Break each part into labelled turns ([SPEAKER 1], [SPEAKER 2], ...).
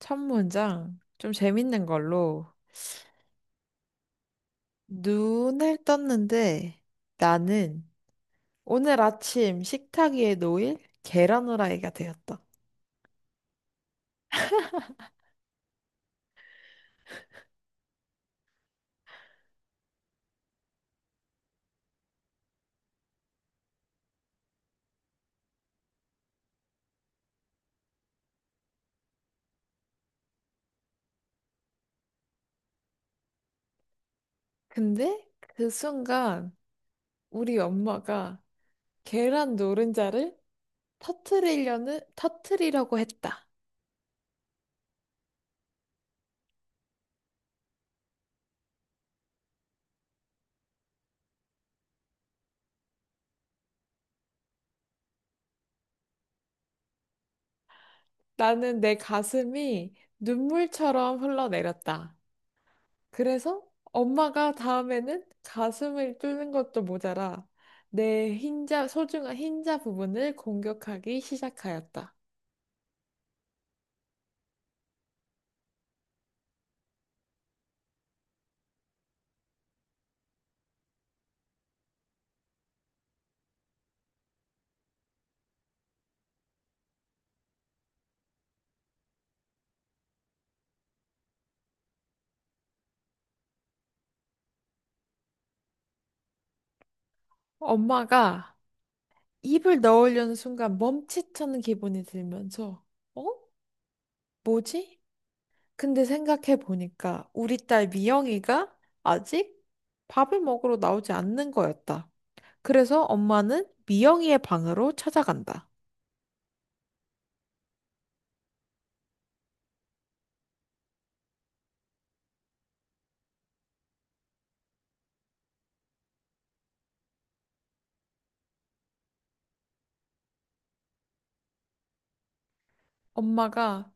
[SPEAKER 1] 첫 문장 좀 재밌는 걸로. 눈을 떴는데 나는 오늘 아침 식탁 위에 놓일 계란 후라이가 되었다. 근데 그 순간 우리 엄마가 계란 노른자를 터트리려는 터트리려고 했다. 나는 내 가슴이 눈물처럼 흘러내렸다. 그래서 엄마가 다음에는 가슴을 뚫는 것도 모자라 내 흰자, 소중한 흰자 부분을 공격하기 시작하였다. 엄마가 입을 넣으려는 순간 멈칫하는 기분이 들면서, 어? 뭐지? 근데 생각해 보니까 우리 딸 미영이가 아직 밥을 먹으러 나오지 않는 거였다. 그래서 엄마는 미영이의 방으로 찾아간다. 엄마가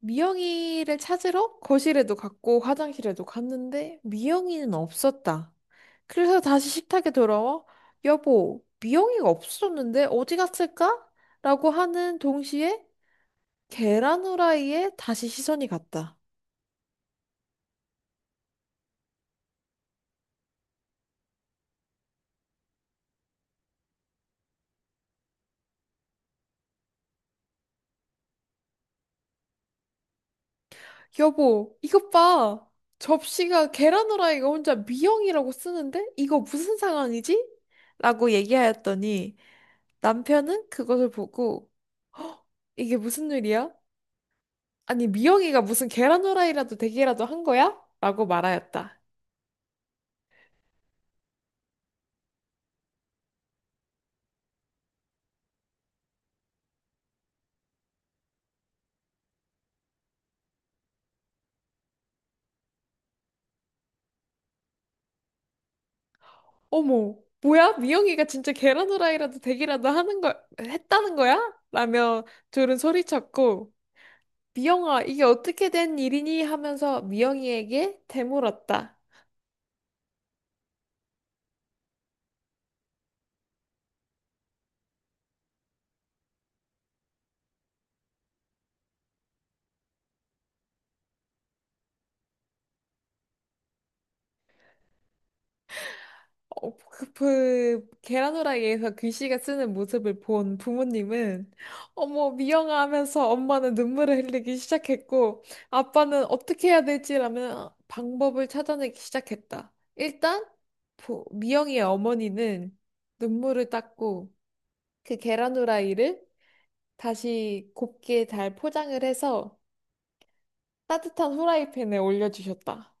[SPEAKER 1] 미영이를 찾으러 거실에도 갔고 화장실에도 갔는데 미영이는 없었다. 그래서 다시 식탁에 돌아와 여보, 미영이가 없어졌는데 어디 갔을까? 라고 하는 동시에 계란 후라이에 다시 시선이 갔다. 여보, 이것 봐. 접시가 계란 후라이가 혼자 미영이라고 쓰는데 이거 무슨 상황이지? 라고 얘기하였더니 남편은 그것을 보고 "허, 이게 무슨 일이야? 아니, 미영이가 무슨 계란 후라이라도 되기라도 한 거야? 라고 말하였다. 어머, 뭐야? 미영이가 진짜 계란 후라이라도 되기라도 하는 걸, 했다는 거야? 라며 둘은 소리쳤고, 미영아, 이게 어떻게 된 일이니? 하면서 미영이에게 되물었다. 그 계란후라이에서 귀씨가 쓰는 모습을 본 부모님은 어머 미영아 하면서 엄마는 눈물을 흘리기 시작했고 아빠는 어떻게 해야 될지라며 방법을 찾아내기 시작했다. 일단 미영이의 어머니는 눈물을 닦고 그 계란후라이를 다시 곱게 잘 포장을 해서 따뜻한 후라이팬에 올려주셨다.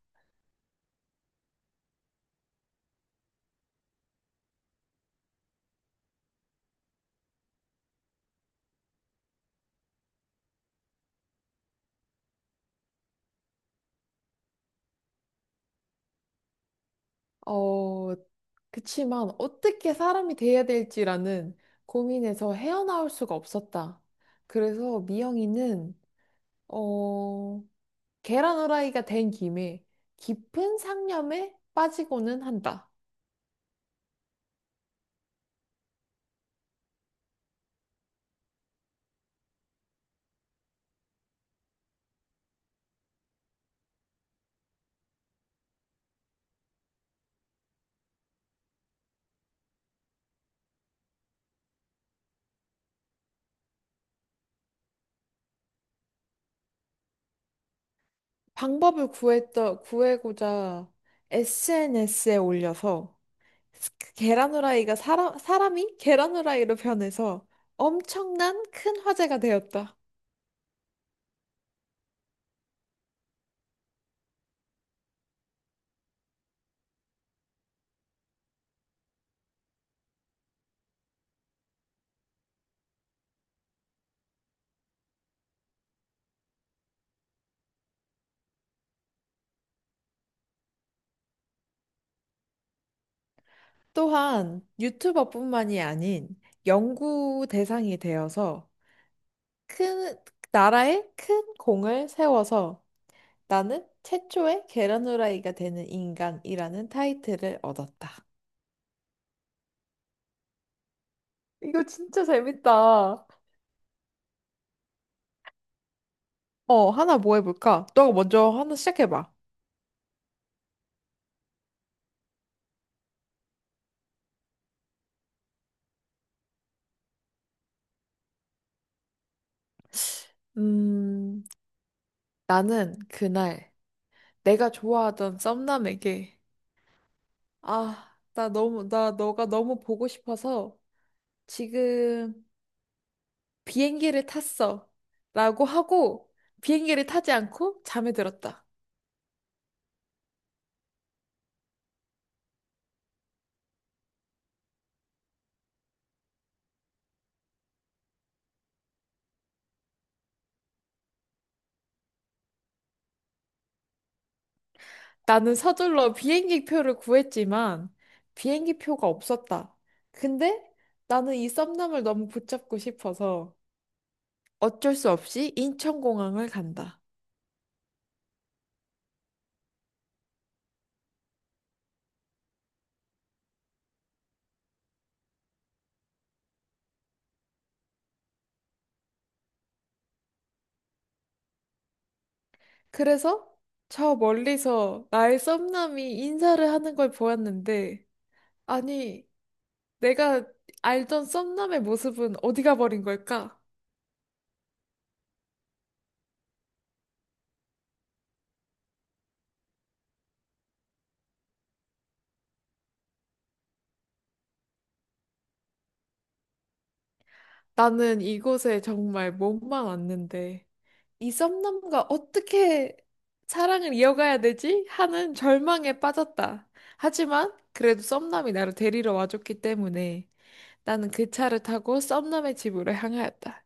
[SPEAKER 1] 어, 그치만 어떻게 사람이 돼야 될지라는 고민에서 헤어나올 수가 없었다. 그래서 미영이는, 어, 계란 후라이가 된 김에 깊은 상념에 빠지고는 한다. 구해고자 SNS에 올려서 그 계란 후라이가 사람이 계란 후라이로 변해서 엄청난 큰 화제가 되었다. 또한 유튜버뿐만이 아닌 연구 대상이 되어서 큰 나라에 큰 공을 세워서 나는 최초의 계란 후라이가 되는 인간이라는 타이틀을 얻었다. 이거 진짜 재밌다. 어, 하나 뭐 해볼까? 너가 먼저 하나 시작해봐. 음, 나는 그날 내가 좋아하던 썸남에게 아, 나 너가 너무 보고 싶어서 지금 비행기를 탔어. 라고 하고 비행기를 타지 않고 잠에 들었다. 나는 서둘러 비행기 표를 구했지만 비행기 표가 없었다. 근데 나는 이 썸남을 너무 붙잡고 싶어서 어쩔 수 없이 인천공항을 간다. 그래서 저 멀리서 나의 썸남이 인사를 하는 걸 보았는데 아니 내가 알던 썸남의 모습은 어디 가버린 걸까? 나는 이곳에 정말 몸만 왔는데 이 썸남과 어떻게 사랑을 이어가야 되지? 하는 절망에 빠졌다. 하지만 그래도 썸남이 나를 데리러 와줬기 때문에 나는 그 차를 타고 썸남의 집으로 향하였다.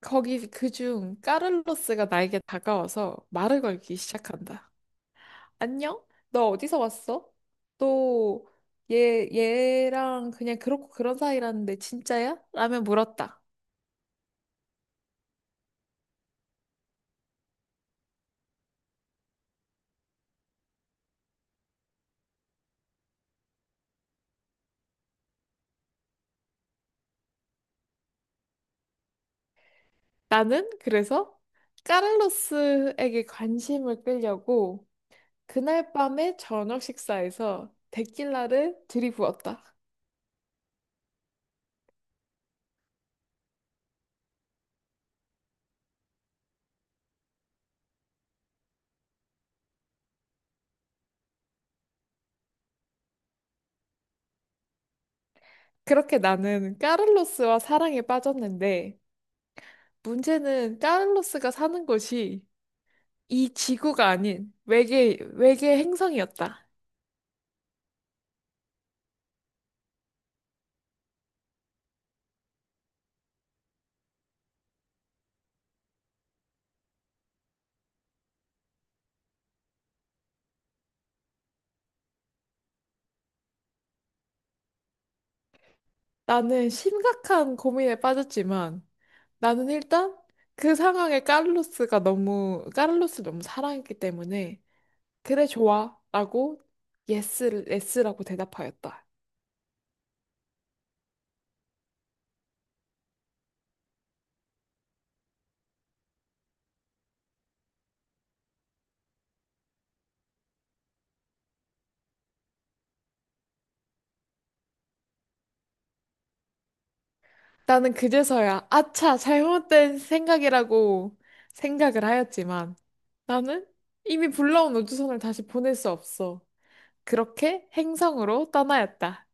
[SPEAKER 1] 거기 그 중 까를로스가 나에게 다가와서 말을 걸기 시작한다. 안녕? 너 어디서 왔어? 또 얘랑 그냥 그렇고 그런 사이라는데 진짜야? 라며 물었다. 나는 그래서 카를로스에게 관심을 끌려고 그날 밤의 저녁 식사에서 데킬라를 들이부었다. 그렇게 나는 카를로스와 사랑에 빠졌는데 문제는 카를로스가 사는 곳이 이 지구가 아닌 외계 행성이었다. 나는 심각한 고민에 빠졌지만 나는 일단 그 상황에 카를로스가 너무 카를로스를 너무 사랑했기 때문에 그래 좋아라고 예스를 예스라고 대답하였다. 나는 그제서야 아차 잘못된 생각이라고 생각을 하였지만 나는 이미 불러온 우주선을 다시 보낼 수 없어. 그렇게 행성으로 떠나였다.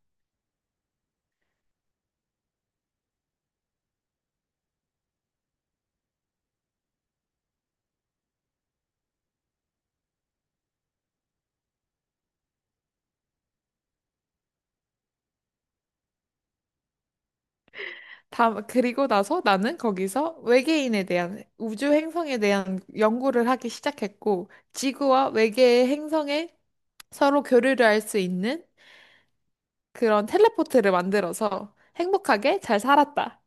[SPEAKER 1] 다 그리고 나서 나는 거기서 외계인에 대한 우주 행성에 대한 연구를 하기 시작했고 지구와 외계의 행성에 서로 교류를 할 수 있는 그런 텔레포트를 만들어서 행복하게 잘 살았다.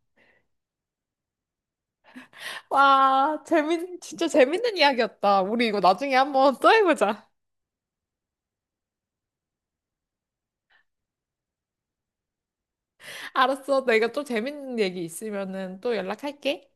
[SPEAKER 1] 와, 진짜 재밌는 이야기였다. 우리 이거 나중에 한번 또 해보자. 알았어. 내가 또 재밌는 얘기 있으면은 또 연락할게.